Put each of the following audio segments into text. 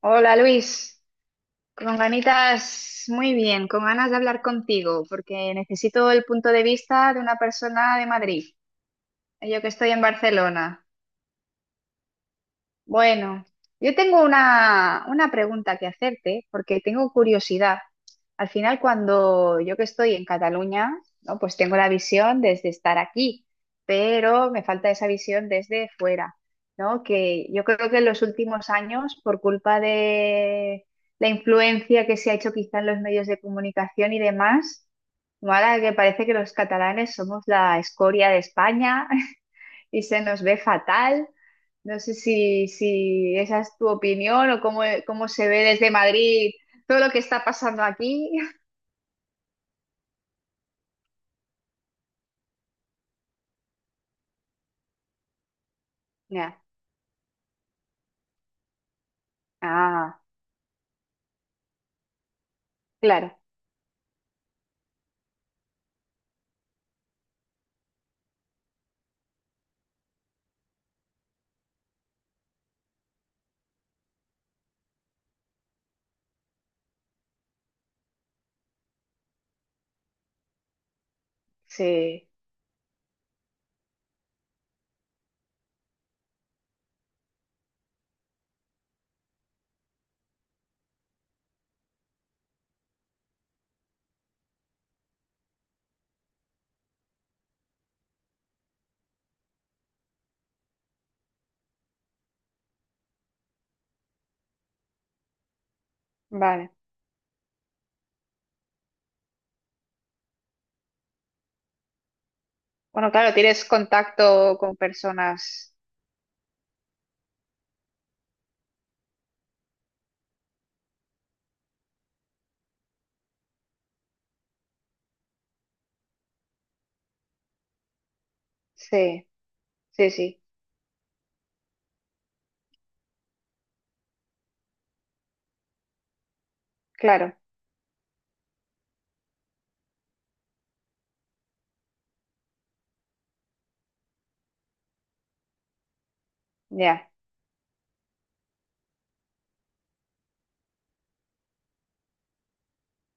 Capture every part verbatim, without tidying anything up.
Hola Luis, con ganitas, muy bien, con ganas de hablar contigo, porque necesito el punto de vista de una persona de Madrid, yo que estoy en Barcelona. Bueno, yo tengo una, una pregunta que hacerte porque tengo curiosidad. Al final, cuando yo que estoy en Cataluña, ¿no? Pues tengo la visión desde estar aquí, pero me falta esa visión desde fuera, ¿no? Que yo creo que en los últimos años, por culpa de la influencia que se ha hecho quizá en los medios de comunicación y demás, ¿no? Ahora que parece que los catalanes somos la escoria de España, y se nos ve fatal. No sé si, si esa es tu opinión o cómo, cómo se ve desde Madrid todo lo que está pasando aquí. Ya. Ah, claro, sí, vale. Bueno, claro, tienes contacto con personas. Sí, sí, sí, claro, ya,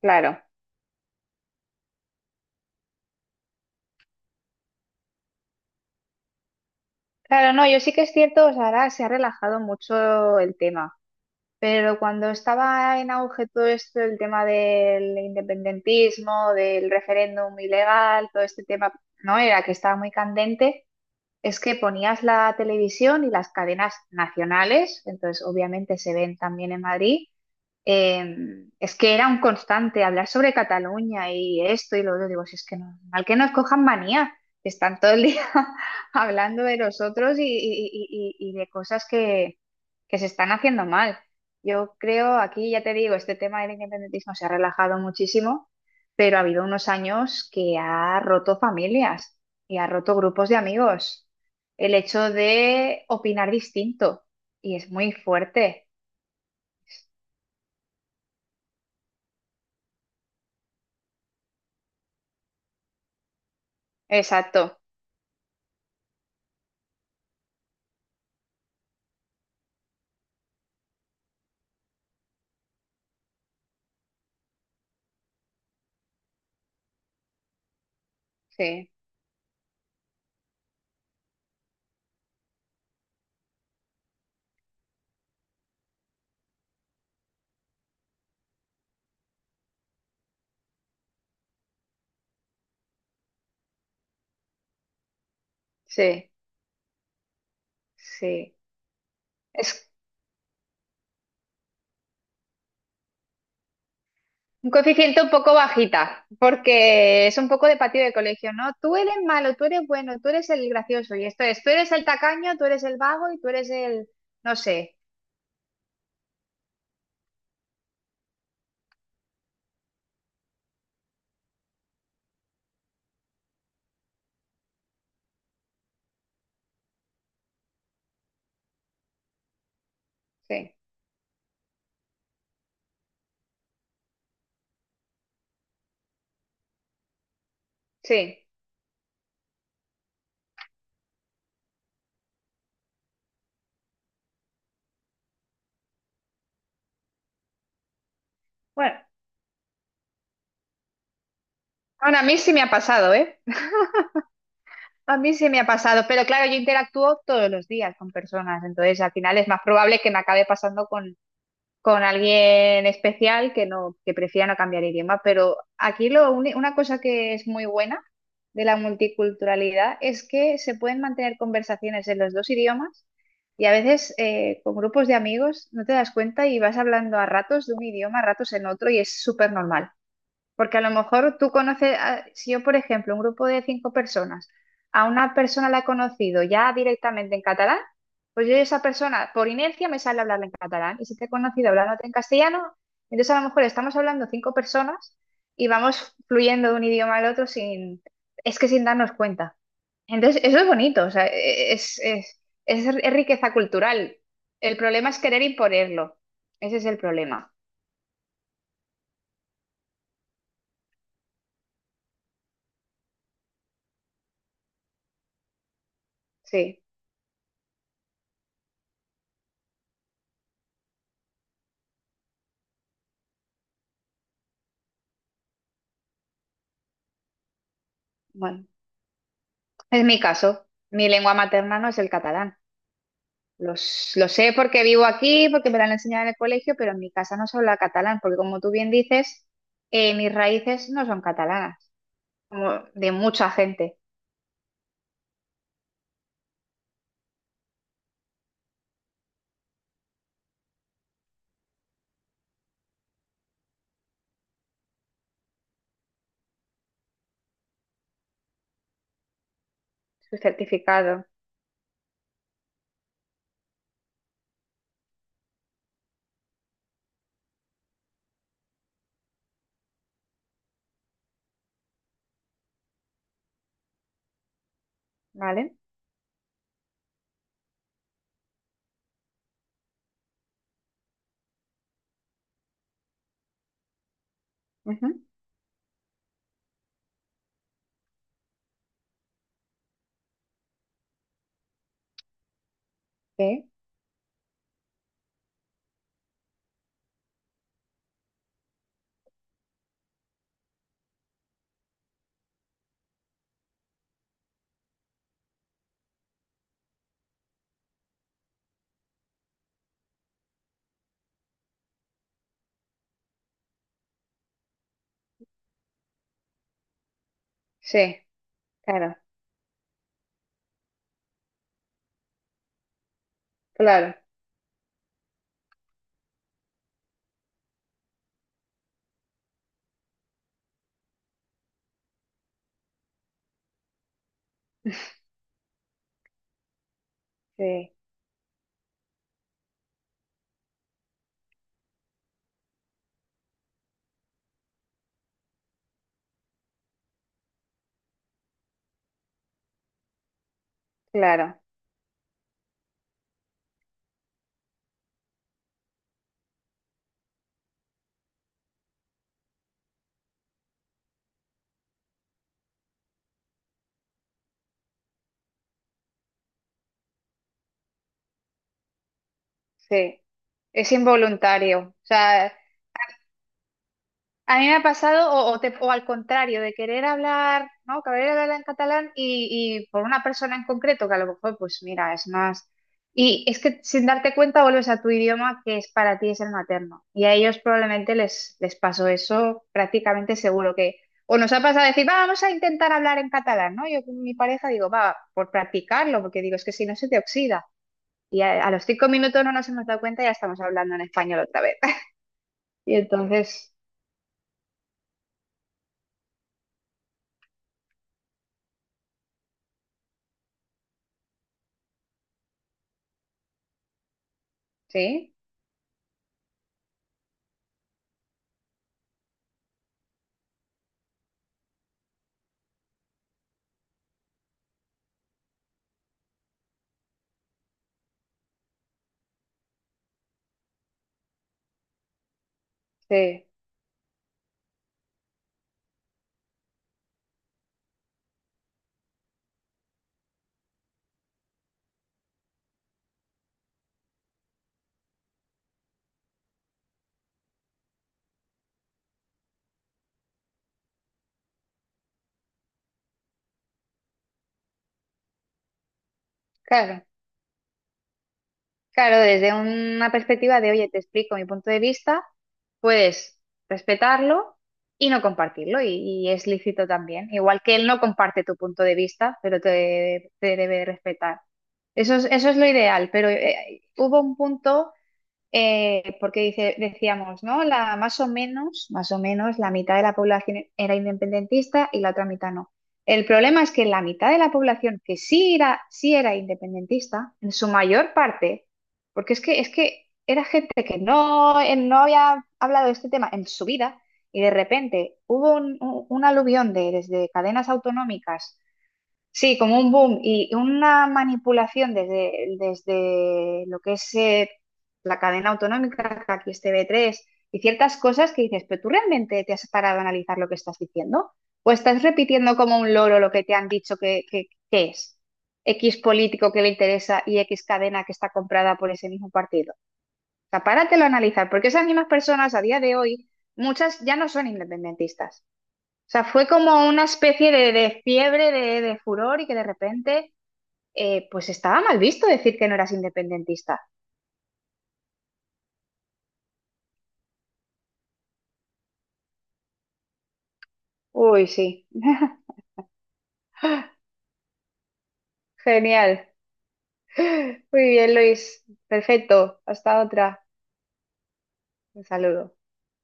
claro. Claro, no, yo sí que es cierto, o sea, ahora se ha relajado mucho el tema. Pero cuando estaba en auge todo esto, el tema del independentismo, del referéndum ilegal, todo este tema, ¿no? Era que estaba muy candente. Es que ponías la televisión y las cadenas nacionales, entonces obviamente se ven también en Madrid. Em, es que era un constante hablar sobre Cataluña y esto y lo otro. Digo, si es que no, mal que nos cojan manía, que están todo el día hablando de nosotros y, y- y- y- y de cosas que, que se están haciendo mal. Yo creo, aquí ya te digo, este tema del independentismo se ha relajado muchísimo, pero ha habido unos años que ha roto familias y ha roto grupos de amigos el hecho de opinar distinto. Y es muy fuerte. Exacto. Sí, sí, sí. Es un coeficiente un poco bajita, porque es un poco de patio de colegio, ¿no? Tú eres malo, tú eres bueno, tú eres el gracioso. Y esto es, tú eres el tacaño, tú eres el vago y tú eres el, no sé. Sí, sí. Bueno, aún a mí sí me ha pasado, ¿eh? A mí sí me ha pasado, pero claro, yo interactúo todos los días con personas, entonces al final es más probable que me acabe pasando con con alguien especial que no, que prefiera no cambiar idioma. Pero aquí lo, uni- una cosa que es muy buena de la multiculturalidad es que se pueden mantener conversaciones en los dos idiomas y a veces eh, con grupos de amigos no te das cuenta y vas hablando a ratos de un idioma, a ratos en otro y es súper normal. Porque a lo mejor tú conoces, a- si yo, por ejemplo, un grupo de cinco personas, a una persona la he conocido ya directamente en catalán, pues yo a esa persona, por inercia, me sale hablarla en catalán. Y si te he conocido hablándote en castellano, entonces a lo mejor estamos hablando cinco personas y vamos fluyendo de un idioma al otro sin, es que sin darnos cuenta. Entonces, eso es bonito, o sea, e, es, es, es, es riqueza cultural. El problema es querer imponerlo. Ese es el problema. Sí, bueno. Es mi caso. Mi lengua materna no es el catalán. Los, lo sé porque vivo aquí, porque me la han enseñado en el colegio, pero en mi casa no se habla catalán, porque como tú bien dices, eh, mis raíces no son catalanas, como de mucha gente. Su certificado, ¿vale? Ujú. Sí, sí, claro, claro, sí, claro, sí. Es involuntario. O sea, a mí me ha pasado, o, o te- o al contrario, de querer hablar, ¿no? Querer hablar en catalán y, y por una persona en concreto, que a lo mejor, pues mira, es más. Y es que sin darte cuenta vuelves a tu idioma que es para ti es el materno. Y a ellos probablemente les, les pasó eso prácticamente seguro que. O nos ha pasado decir, "Va, vamos a intentar hablar en catalán, ¿no? Yo con mi pareja digo, va, por practicarlo, porque digo, es que si no se te oxida. Y a, a los cinco minutos no nos hemos dado cuenta y ya estamos hablando en español otra vez. Y entonces, sí, sí. Claro, claro, desde una perspectiva de, oye, te explico mi punto de vista, puedes respetarlo y no compartirlo, y, y es lícito también. Igual que él no comparte tu punto de vista, pero te, te debe respetar. Eso es, eso es lo ideal, pero eh, hubo un punto eh, porque dice, decíamos, ¿no? La, más o menos, más o menos, la mitad de la población era independentista y la otra mitad no. El problema es que la mitad de la población que sí era, sí era independentista, en su mayor parte, porque es que, es que era gente que no, eh, no había hablado de este tema en su vida, y de repente hubo un, un- un aluvión de desde cadenas autonómicas. Sí, como un boom y una manipulación desde, desde lo que es eh, la cadena autonómica, que aquí es T V tres, y ciertas cosas que dices, pero tú realmente te has parado a analizar lo que estás diciendo, o estás repitiendo como un loro lo que te han dicho que, que- que es X político que le interesa y X cadena que está comprada por ese mismo partido. O sea, páratelo a analizar, porque esas mismas personas a día de hoy, muchas ya no son independentistas. O sea, fue como una especie de, de fiebre, de, de furor y que de repente, eh, pues estaba mal visto decir que no eras independentista. Uy, sí. Genial. Muy bien, Luis. Perfecto. Hasta otra. Un saludo.